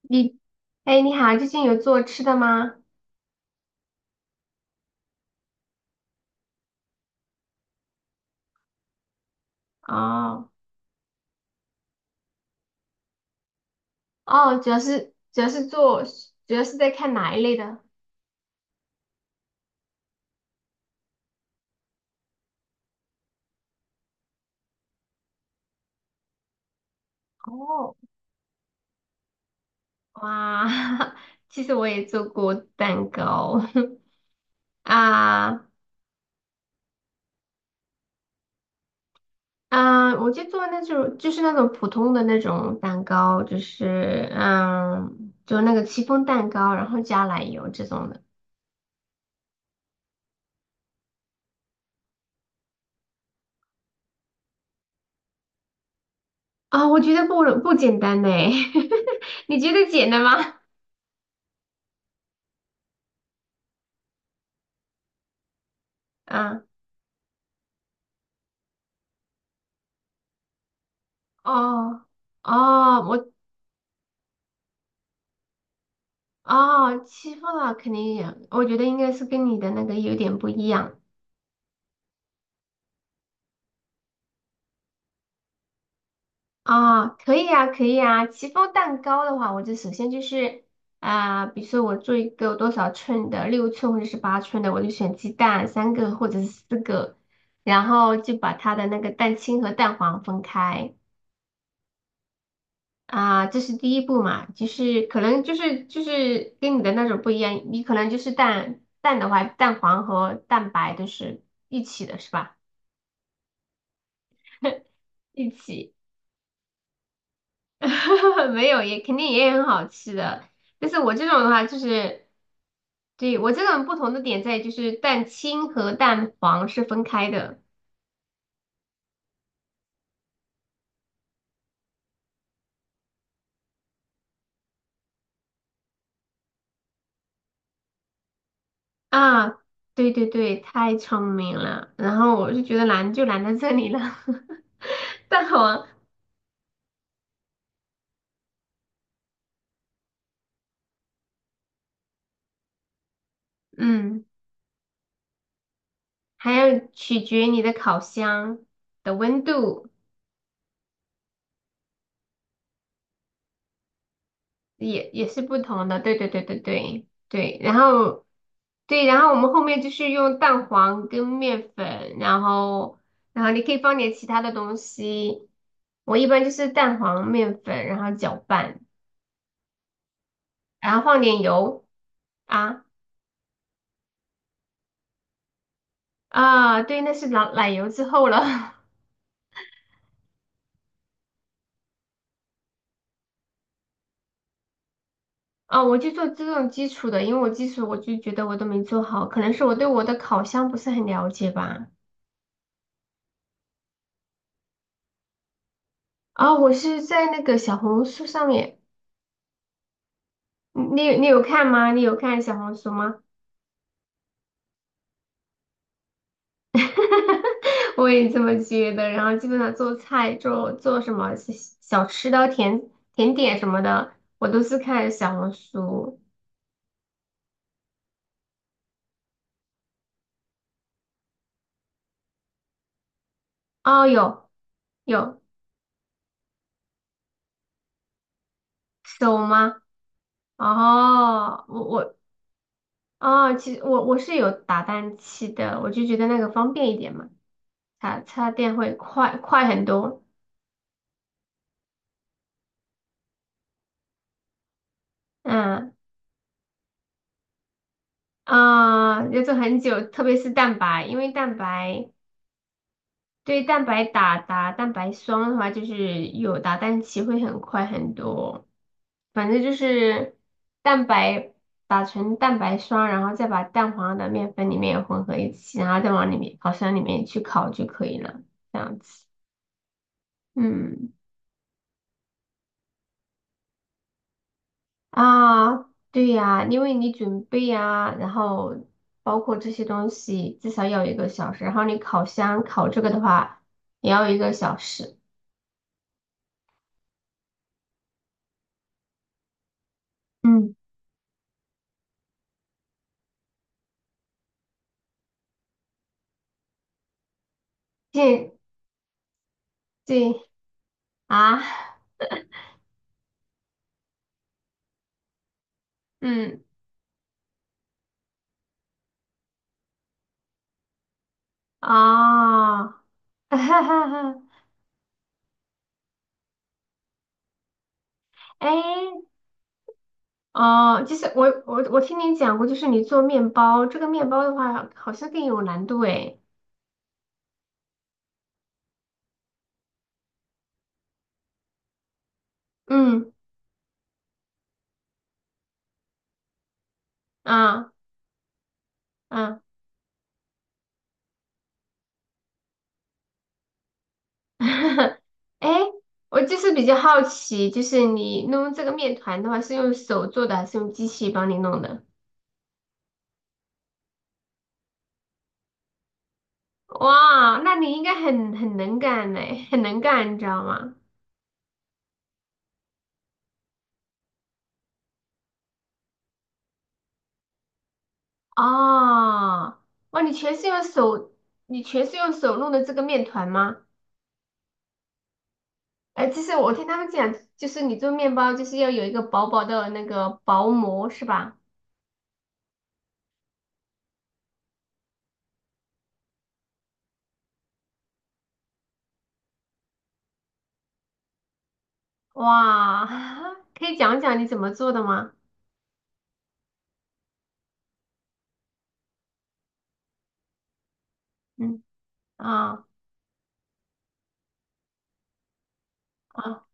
你，哎，你好，最近有做吃的吗？哦，哦，主要是做，主要是在看哪一类的？哦，哇，其实我也做过蛋糕， 啊，啊，我就做那种就是那种普通的那种蛋糕，就是就那个戚风蛋糕，然后加奶油这种的。啊，我觉得不简单呢，你觉得简单吗？啊，哦。哦，我哦，欺负啊，肯定也，我觉得应该是跟你的那个有点不一样。啊、哦，可以啊，可以啊。戚风蛋糕的话，我就首先就是啊、比如说我做一个多少寸的，6寸或者是8寸的，我就选鸡蛋三个或者是四个，然后就把它的那个蛋清和蛋黄分开。啊、这是第一步嘛。就是可能就是跟你的那种不一样，你可能就是蛋的话，蛋黄和蛋白都是一起的，是吧？一起，没有也肯定也很好吃的，但是我这种的话就是，对，我这种不同的点在于就是蛋清和蛋黄是分开的。啊，对对对，太聪明了，然后我就觉得难就难在这里了，蛋黄，嗯，还要取决你的烤箱的温度。也是不同的，对对对对对对，然后对，然后我们后面就是用蛋黄跟面粉，然后你可以放点其他的东西，我一般就是蛋黄、面粉，然后搅拌，然后放点油。啊，啊，对，那是奶油之后了。 啊，我就做这种基础的，因为我基础我就觉得我都没做好，可能是我对我的烤箱不是很了解吧。啊，我是在那个小红书上面。你有看吗？你有看小红书吗？我也这么觉得。然后基本上做菜、做什么小吃的、甜点什么的，我都是看小红书。哦，有，有，手吗？哦，我。哦，其实我是有打蛋器的，我就觉得那个方便一点嘛，插电会快很多。嗯，啊，要做很久，特别是蛋白，因为蛋白。对蛋白打蛋白霜的话，就是有打蛋器会很快很多。反正就是蛋白打成蛋白霜，然后再把蛋黄的面粉里面混合一起，然后再往里面烤箱里面去烤就可以了。这样子，嗯，啊，对呀，因为你准备呀，然后包括这些东西至少要一个小时，然后你烤箱烤这个的话也要一个小时。嗯，这这啊。嗯，啊，哎，哦，就是我听你讲过，就是你做面包，这个面包的话好像更有难度哎。嗯，啊，嗯，哎，我就是比较好奇，就是你弄这个面团的话，是用手做的还是用机器帮你弄的？哇，那你应该很能干嘞，很能干，你知道吗？哦，哇，你全是用手，你全是用手弄的这个面团吗？哎，其实我听他们讲，就是你做面包就是要有一个薄薄的那个薄膜，是吧？哇，可以讲讲你怎么做的吗？嗯，啊，啊，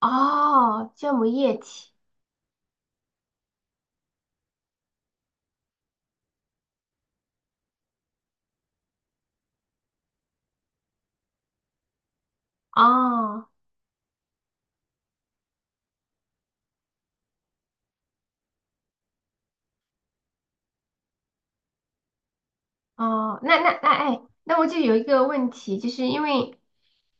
哦，酵母液体。哦，哦，那哎，那我就有一个问题，就是因为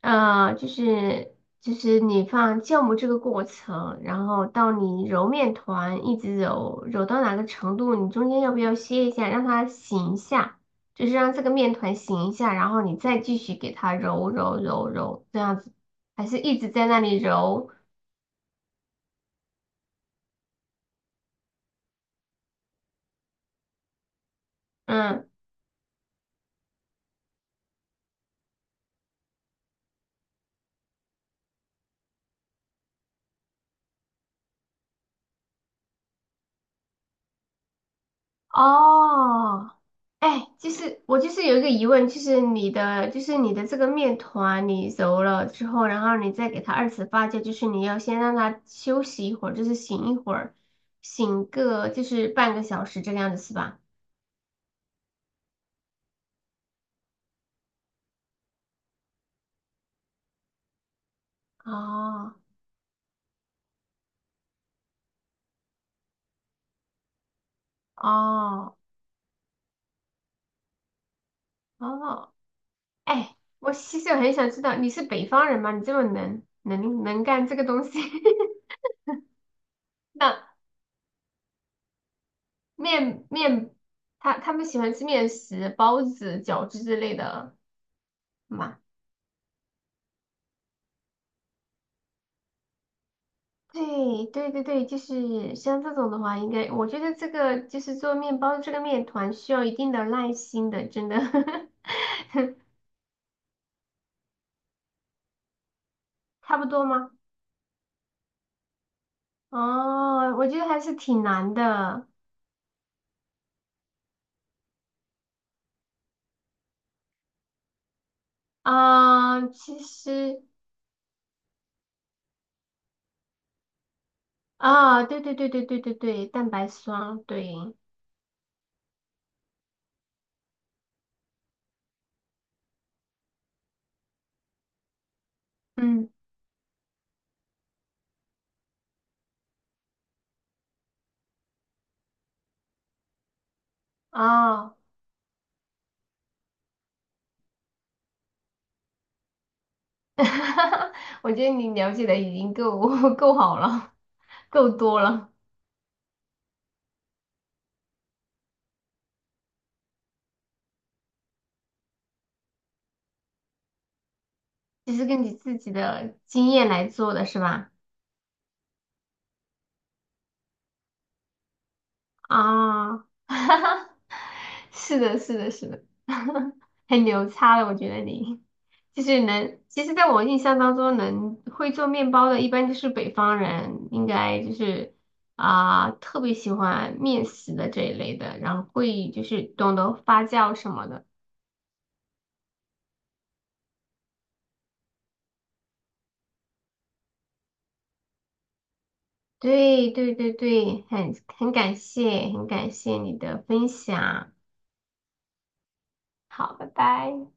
呃，就是就是你放酵母这个过程，然后到你揉面团，一直揉到哪个程度，你中间要不要歇一下，让它醒一下，就是让这个面团醒一下，然后你再继续给它揉揉揉揉，这样子，还是一直在那里揉？嗯，哦，哎，就是我就是有一个疑问，就是你的这个面团你揉了之后，然后你再给它二次发酵，就是你要先让它休息一会儿，就是醒一会儿，醒个就是半个小时这个样子是吧？哦，哦，哦，哎，我其实很想知道你是北方人吗？你这么能干这个东西，那面面他们喜欢吃面食、包子、饺子之类的吗？对对对对，就是像这种的话，应该我觉得这个就是做面包这个面团需要一定的耐心的，真的。 差不多吗？哦，我觉得还是挺难的。啊，其实啊，对对对对对对对，蛋白霜，对，嗯，啊，我觉得你了解的已经够 够好了，够多了，就是根据自己的经验来做的是吧？啊，是的，是的，是的，很牛叉的，我觉得你就是能，其实在我印象当中能会做面包的，一般就是北方人，应该就是啊、特别喜欢面食的这一类的，然后会就是懂得发酵什么的。对对对对，很感谢，很感谢你的分享。好，拜拜。